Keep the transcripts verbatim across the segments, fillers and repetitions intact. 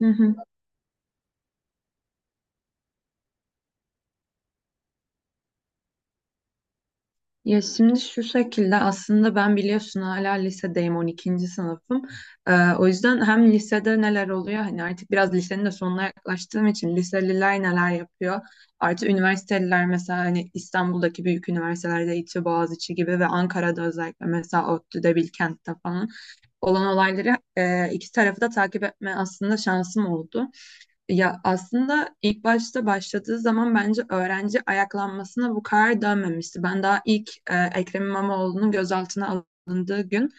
Hı hı. Ya şimdi şu şekilde aslında ben biliyorsun hala lisedeyim on ikinci sınıfım. Ee, O yüzden hem lisede neler oluyor hani artık biraz lisenin de sonuna yaklaştığım için liseliler neler yapıyor. Artı üniversiteliler mesela hani İstanbul'daki büyük üniversitelerde İTÜ, Boğaziçi gibi ve Ankara'da özellikle mesela ODTÜ'de, Bilkent'te falan olan olayları e, iki tarafı da takip etme aslında şansım oldu. Ya aslında ilk başta başladığı zaman bence öğrenci ayaklanmasına bu kadar dönmemişti. Ben daha ilk e, Ekrem İmamoğlu'nun gözaltına alındığı gün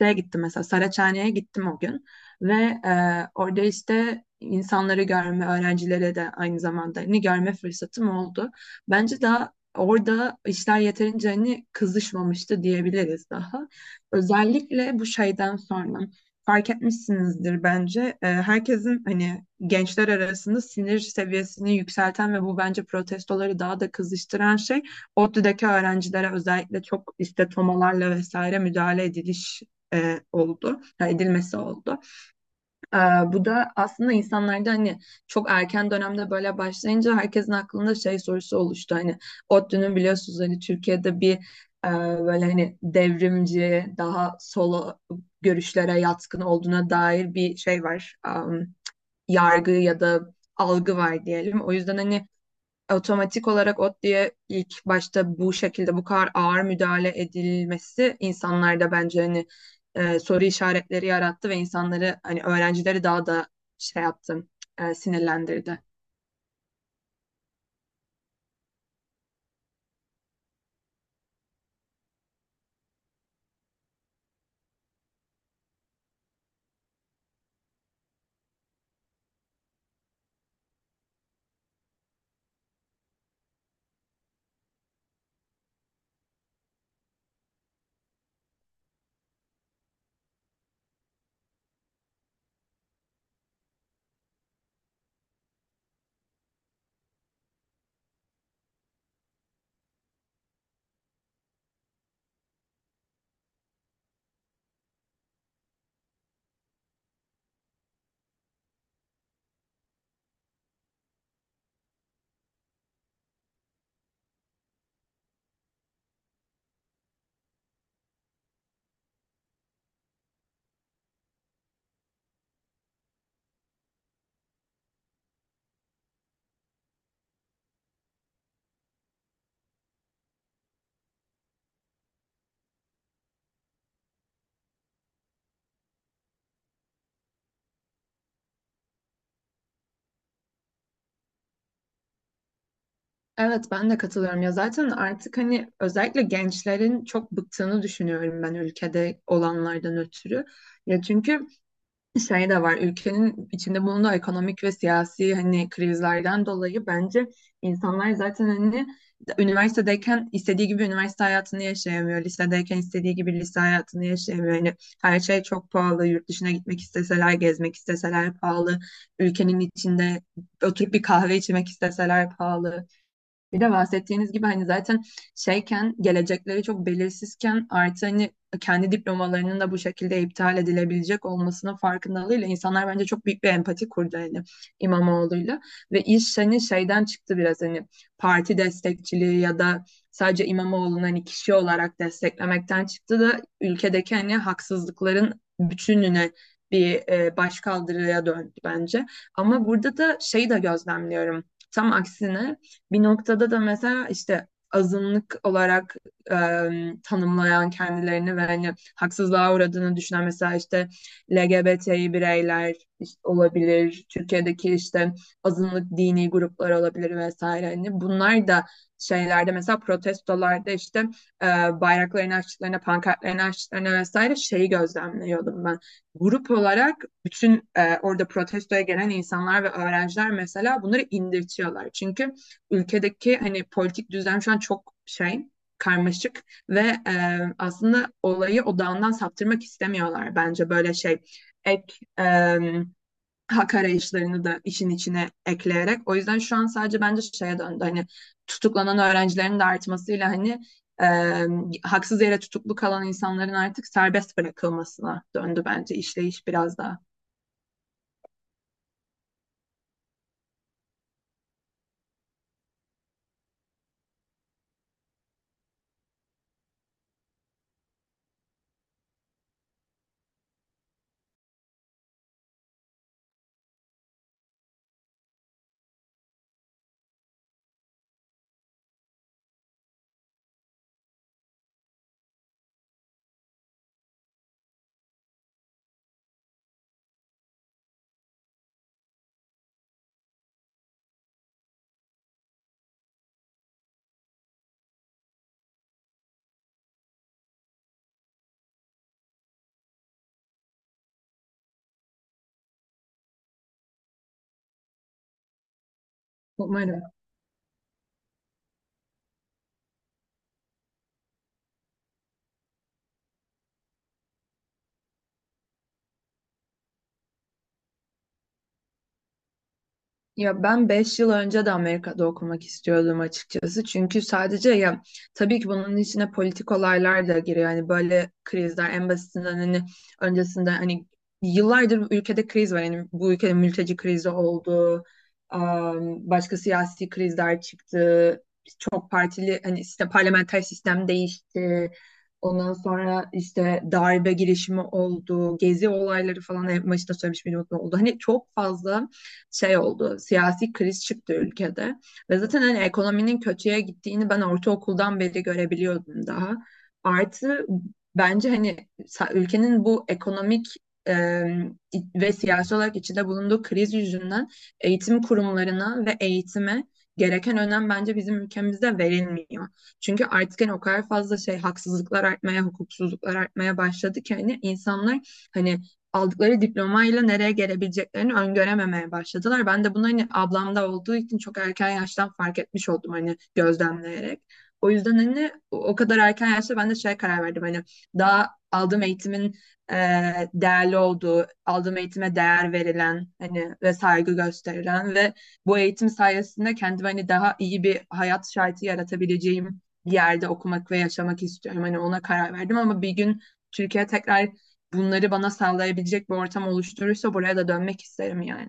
şeye gittim mesela Saraçhane'ye gittim o gün ve e, orada işte insanları görme, öğrencilere de aynı zamanda hani görme fırsatım oldu. Bence daha orada işler yeterince hani kızışmamıştı diyebiliriz daha. Özellikle bu şeyden sonra fark etmişsinizdir bence. Ee, herkesin hani gençler arasında sinir seviyesini yükselten ve bu bence protestoları daha da kızıştıran şey ODTÜ'deki öğrencilere özellikle çok işte tomalarla vesaire müdahale ediliş e, oldu, edilmesi oldu. Ee, Bu da aslında insanlarda hani çok erken dönemde böyle başlayınca herkesin aklında şey sorusu oluştu. Hani ODTÜ'nün biliyorsunuz hani Türkiye'de bir e, böyle hani devrimci, daha sol görüşlere yatkın olduğuna dair bir şey var. Am, yargı ya da algı var diyelim. O yüzden hani otomatik olarak ODTÜ'ye ilk başta bu şekilde bu kadar ağır müdahale edilmesi insanlarda bence hani e, soru işaretleri yarattı ve insanları hani öğrencileri daha da şey yaptı, e, sinirlendirdi. Evet, ben de katılıyorum ya zaten artık hani özellikle gençlerin çok bıktığını düşünüyorum ben ülkede olanlardan ötürü. Ya çünkü şey de var ülkenin içinde bulunduğu ekonomik ve siyasi hani krizlerden dolayı bence insanlar zaten hani üniversitedeyken istediği gibi üniversite hayatını yaşayamıyor. Lisedeyken istediği gibi lise hayatını yaşayamıyor. Yani her şey çok pahalı. Yurt dışına gitmek isteseler, gezmek isteseler pahalı. Ülkenin içinde oturup bir kahve içmek isteseler pahalı. Bir de bahsettiğiniz gibi hani zaten şeyken gelecekleri çok belirsizken artı hani kendi diplomalarının da bu şekilde iptal edilebilecek olmasının farkındalığıyla insanlar bence çok büyük bir empati kurdu hani İmamoğlu'yla ve iş hani şeyden çıktı biraz hani parti destekçiliği ya da sadece İmamoğlu'nu hani kişi olarak desteklemekten çıktı da ülkedeki hani haksızlıkların bütününe bir e, başkaldırıya döndü bence. Ama burada da şeyi de gözlemliyorum. Tam aksine bir noktada da mesela işte azınlık olarak e, tanımlayan kendilerini ve hani haksızlığa uğradığını düşünen mesela işte L G B T'yi bireyler işte olabilir, Türkiye'deki işte azınlık dini gruplar olabilir vesaire. Hani bunlar da şeylerde mesela protestolarda işte e, bayraklarını açtıklarına, pankartlarını açtıklarına vesaire şeyi gözlemliyordum ben. Grup olarak bütün e, orada protestoya gelen insanlar ve öğrenciler mesela bunları indirtiyorlar. Çünkü ülkedeki hani politik düzen şu an çok şey karmaşık ve e, aslında olayı odağından saptırmak istemiyorlar bence böyle şey ek e, hak arayışlarını da işin içine ekleyerek. O yüzden şu an sadece bence şeye döndü. Hani tutuklanan öğrencilerin de artmasıyla hani e, haksız yere tutuklu kalan insanların artık serbest bırakılmasına döndü bence işleyiş biraz daha. Umarım. Ya ben beş yıl önce de Amerika'da okumak istiyordum açıkçası. Çünkü sadece ya tabii ki bunun içine politik olaylar da giriyor. Yani böyle krizler en basitinden hani öncesinde hani yıllardır bu ülkede kriz var. Yani bu ülkede mülteci krizi oldu. am, Başka siyasi krizler çıktı çok partili hani işte parlamenter sistem değişti. Ondan sonra işte darbe girişimi oldu, gezi olayları falan en başta söylemiş miydim unutma oldu. Hani çok fazla şey oldu, siyasi kriz çıktı ülkede. Ve zaten hani ekonominin kötüye gittiğini ben ortaokuldan beri görebiliyordum daha. Artı bence hani ülkenin bu ekonomik e, ve siyasi olarak içinde bulunduğu kriz yüzünden eğitim kurumlarına ve eğitime gereken önem bence bizim ülkemizde verilmiyor. Çünkü artık hani o kadar fazla şey haksızlıklar artmaya, hukuksuzluklar artmaya başladı ki hani insanlar hani aldıkları diplomayla nereye gelebileceklerini öngörememeye başladılar. Ben de bunu hani ablamda olduğu için çok erken yaştan fark etmiş oldum hani gözlemleyerek. O yüzden hani o kadar erken yaşta ben de şey karar verdim hani daha aldığım eğitimin e, değerli olduğu, aldığım eğitime değer verilen hani ve saygı gösterilen ve bu eğitim sayesinde kendime hani daha iyi bir hayat şartı yaratabileceğim bir yerde okumak ve yaşamak istiyorum. Hani ona karar verdim ama bir gün Türkiye tekrar bunları bana sağlayabilecek bir ortam oluşturursa buraya da dönmek isterim yani.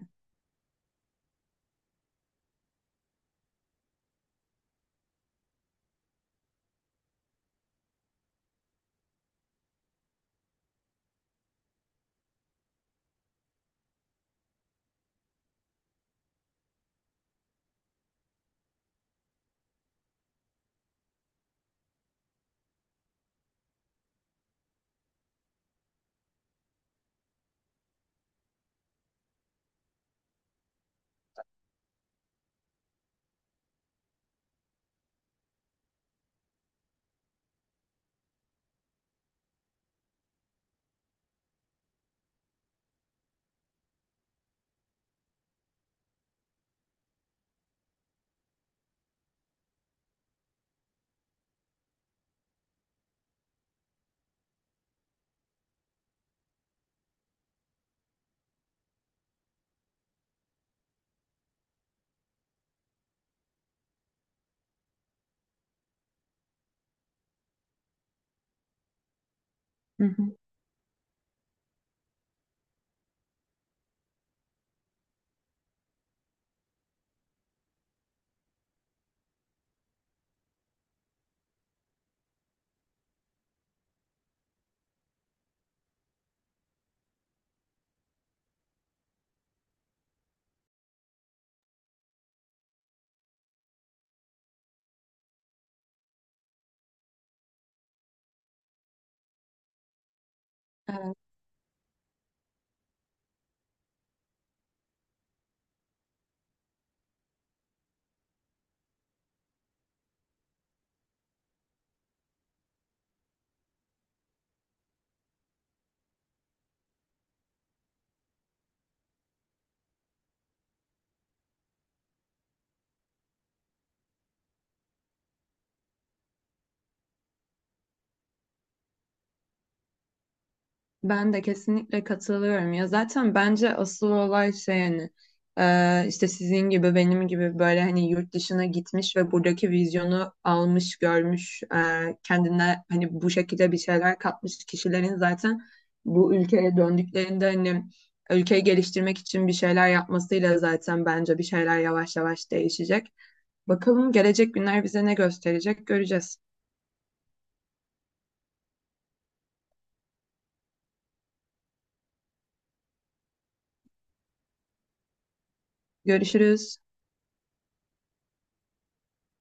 Hı hı. Evet. Ben de kesinlikle katılıyorum ya zaten bence asıl olay şey hani e, işte sizin gibi benim gibi böyle hani yurt dışına gitmiş ve buradaki vizyonu almış görmüş e, kendine hani bu şekilde bir şeyler katmış kişilerin zaten bu ülkeye döndüklerinde hani ülkeyi geliştirmek için bir şeyler yapmasıyla zaten bence bir şeyler yavaş yavaş değişecek. Bakalım gelecek günler bize ne gösterecek göreceğiz. Görüşürüz.